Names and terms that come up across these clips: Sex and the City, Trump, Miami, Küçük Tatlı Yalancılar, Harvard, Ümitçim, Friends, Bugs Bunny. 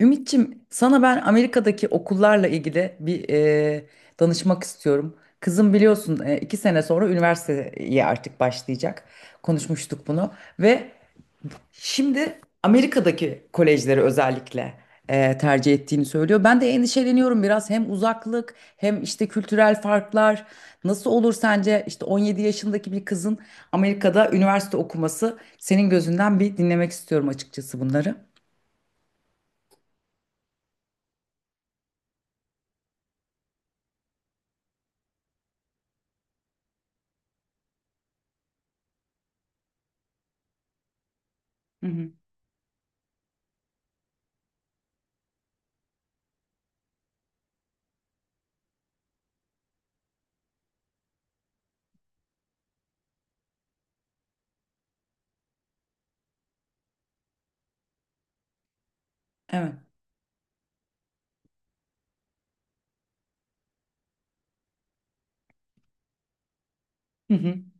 Ümitçim, sana ben Amerika'daki okullarla ilgili danışmak istiyorum. Kızım biliyorsun iki sene sonra üniversiteye artık başlayacak. Konuşmuştuk bunu ve şimdi Amerika'daki kolejleri özellikle tercih ettiğini söylüyor. Ben de endişeleniyorum biraz, hem uzaklık hem işte kültürel farklar. Nasıl olur sence, işte 17 yaşındaki bir kızın Amerika'da üniversite okuması, senin gözünden bir dinlemek istiyorum açıkçası bunları. Hı hı. Evet.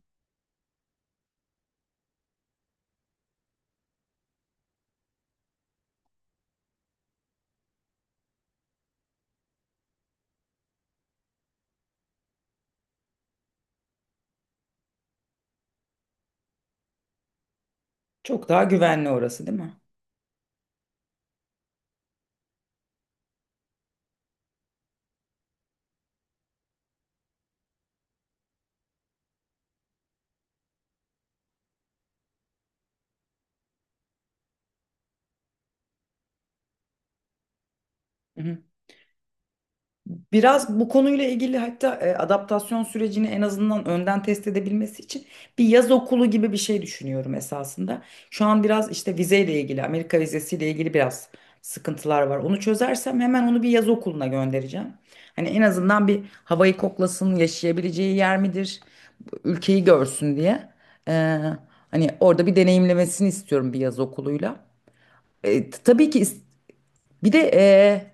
Çok daha güvenli orası değil mi? Hı hı. Biraz bu konuyla ilgili, hatta adaptasyon sürecini en azından önden test edebilmesi için bir yaz okulu gibi bir şey düşünüyorum esasında. Şu an biraz işte vizeyle ilgili, Amerika vizesiyle ilgili biraz sıkıntılar var. Onu çözersem hemen onu bir yaz okuluna göndereceğim. Hani en azından bir havayı koklasın, yaşayabileceği yer midir, ülkeyi görsün diye. Ee, Hani orada bir deneyimlemesini istiyorum bir yaz okuluyla. Tabii ki bir de e,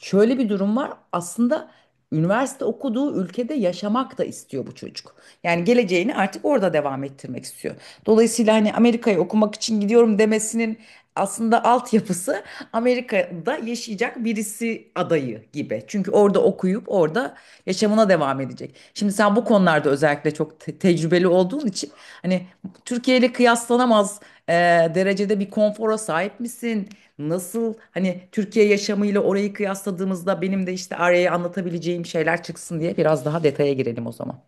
şöyle bir durum var. Aslında üniversite okuduğu ülkede yaşamak da istiyor bu çocuk. Yani geleceğini artık orada devam ettirmek istiyor. Dolayısıyla hani Amerika'ya okumak için gidiyorum demesinin aslında altyapısı Amerika'da yaşayacak birisi adayı gibi. Çünkü orada okuyup orada yaşamına devam edecek. Şimdi sen bu konularda özellikle çok tecrübeli olduğun için, hani Türkiye ile kıyaslanamaz e, derecede bir konfora sahip misin? Nasıl hani Türkiye yaşamıyla orayı kıyasladığımızda benim de işte araya anlatabileceğim şeyler çıksın diye biraz daha detaya girelim o zaman.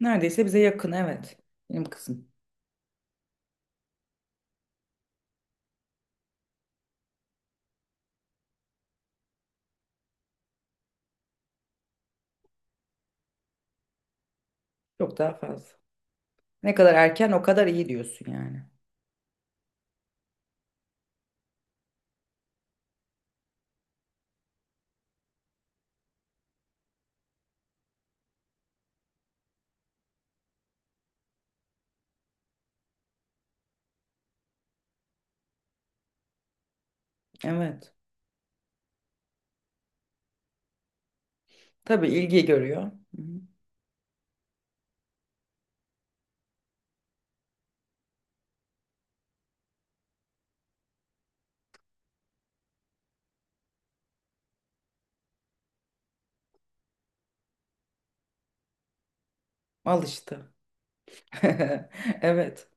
Neredeyse bize yakın, evet. Benim kızım. Çok daha fazla. Ne kadar erken o kadar iyi diyorsun yani. Evet. Tabii ilgi görüyor. Hı hı. Al işte. Evet.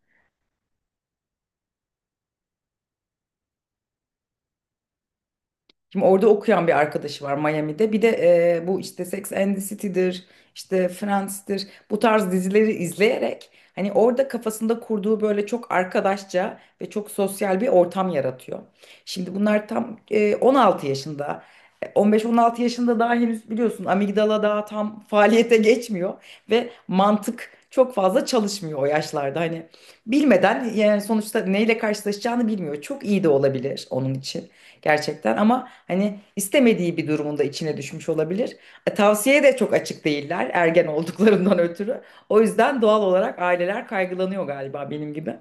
Şimdi orada okuyan bir arkadaşı var, Miami'de. Bu işte Sex and the City'dir, işte Friends'tir. Bu tarz dizileri izleyerek hani orada kafasında kurduğu böyle çok arkadaşça ve çok sosyal bir ortam yaratıyor. Şimdi bunlar tam 16 yaşında. E, 15-16 yaşında, daha henüz biliyorsun amigdala daha tam faaliyete geçmiyor ve mantık çok fazla çalışmıyor o yaşlarda. Hani bilmeden, yani sonuçta neyle karşılaşacağını bilmiyor. Çok iyi de olabilir onun için gerçekten, ama hani istemediği bir durumunda içine düşmüş olabilir. Tavsiyeye de çok açık değiller ergen olduklarından ötürü. O yüzden doğal olarak aileler kaygılanıyor galiba, benim gibi.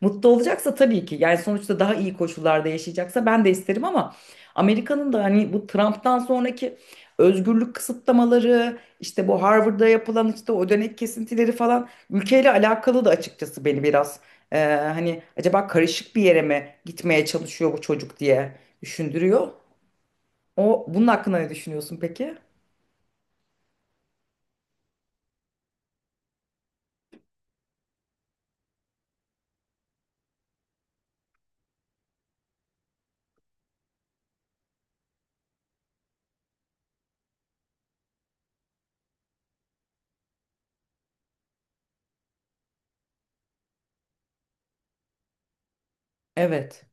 Mutlu olacaksa tabii ki, yani sonuçta daha iyi koşullarda yaşayacaksa ben de isterim, ama Amerika'nın da hani bu Trump'tan sonraki özgürlük kısıtlamaları, işte bu Harvard'da yapılan işte o dönek kesintileri falan, ülkeyle alakalı da açıkçası beni biraz, hani acaba karışık bir yere mi gitmeye çalışıyor bu çocuk diye düşündürüyor. O bunun hakkında ne düşünüyorsun peki? Evet.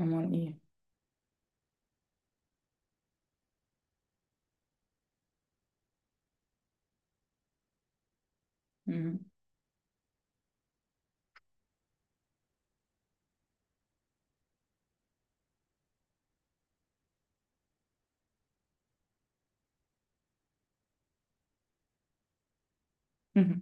Aman iyi. Hı hı. Hı hı.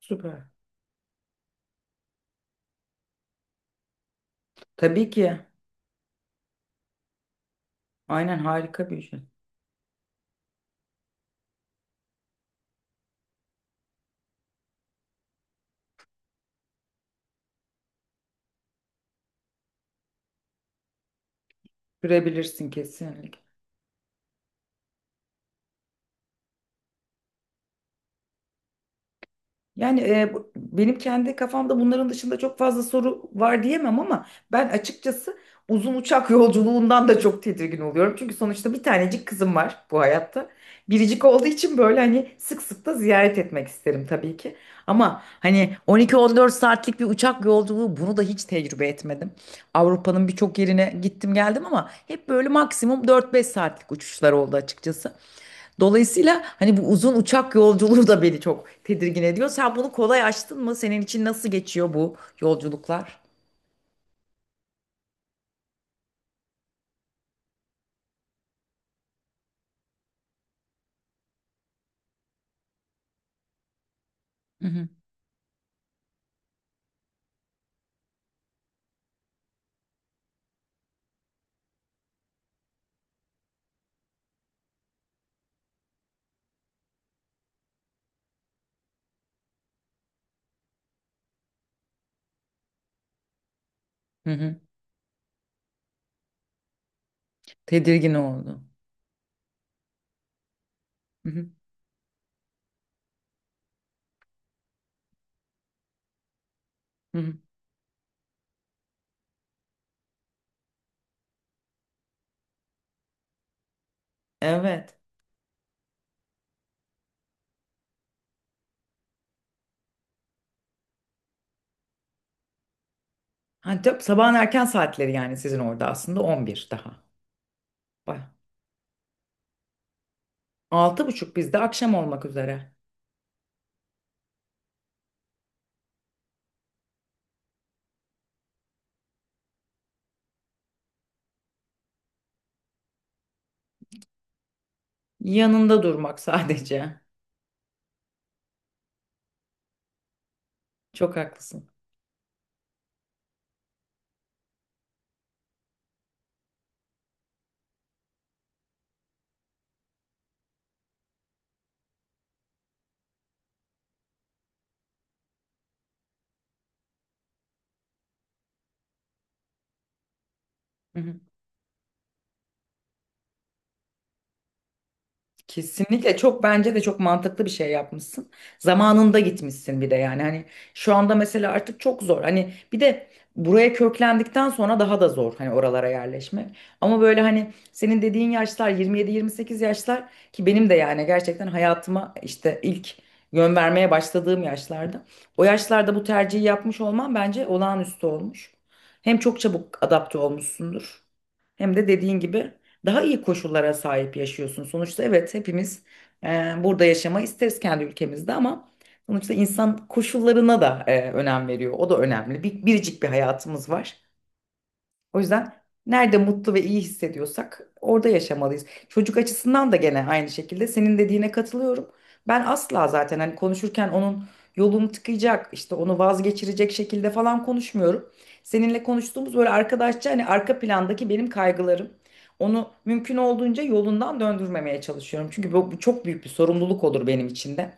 Süper. Tabii ki. Aynen, harika bir ücret. Sürebilirsin kesinlikle. Yani benim kendi kafamda bunların dışında çok fazla soru var diyemem, ama ben açıkçası uzun uçak yolculuğundan da çok tedirgin oluyorum. Çünkü sonuçta bir tanecik kızım var bu hayatta. Biricik olduğu için böyle hani sık sık da ziyaret etmek isterim tabii ki. Ama hani 12-14 saatlik bir uçak yolculuğu, bunu da hiç tecrübe etmedim. Avrupa'nın birçok yerine gittim geldim, ama hep böyle maksimum 4-5 saatlik uçuşlar oldu açıkçası. Dolayısıyla hani bu uzun uçak yolculuğu da beni çok tedirgin ediyor. Sen bunu kolay aştın mı? Senin için nasıl geçiyor bu yolculuklar? Hı hı. Hı hı. Tedirgin oldu. Hı hı. Hı hı. Evet. Hani sabahın erken saatleri yani, sizin orada aslında 11 daha. Bak, altı buçuk bizde, akşam olmak üzere. Yanında durmak sadece. Çok haklısın. Kesinlikle, çok bence de, çok mantıklı bir şey yapmışsın. Zamanında gitmişsin bir de yani. Hani şu anda mesela artık çok zor. Hani bir de buraya köklendikten sonra daha da zor hani oralara yerleşmek. Ama böyle hani senin dediğin yaşlar, 27-28 yaşlar ki benim de yani gerçekten hayatıma işte ilk yön vermeye başladığım yaşlarda. O yaşlarda bu tercihi yapmış olman bence olağanüstü olmuş. Hem çok çabuk adapte olmuşsundur. Hem de dediğin gibi daha iyi koşullara sahip yaşıyorsun. Sonuçta evet, hepimiz e, burada yaşamayı isteriz kendi ülkemizde, ama sonuçta insan koşullarına da önem veriyor. O da önemli. Bir, biricik bir hayatımız var. O yüzden nerede mutlu ve iyi hissediyorsak orada yaşamalıyız. Çocuk açısından da gene aynı şekilde senin dediğine katılıyorum. Ben asla zaten hani konuşurken onun yolunu tıkayacak, işte onu vazgeçirecek şekilde falan konuşmuyorum. Seninle konuştuğumuz böyle arkadaşça, hani arka plandaki benim kaygılarım. Onu mümkün olduğunca yolundan döndürmemeye çalışıyorum. Çünkü bu çok büyük bir sorumluluk olur benim için de.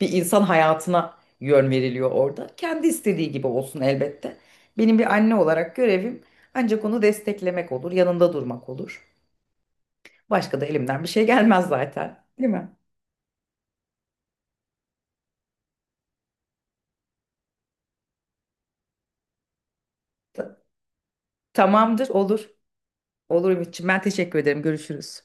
Bir insan hayatına yön veriliyor orada. Kendi istediği gibi olsun elbette. Benim bir anne olarak görevim ancak onu desteklemek olur, yanında durmak olur. Başka da elimden bir şey gelmez zaten, değil mi? Ta- Tamamdır, olur. Olur Ümitciğim. Ben teşekkür ederim. Görüşürüz.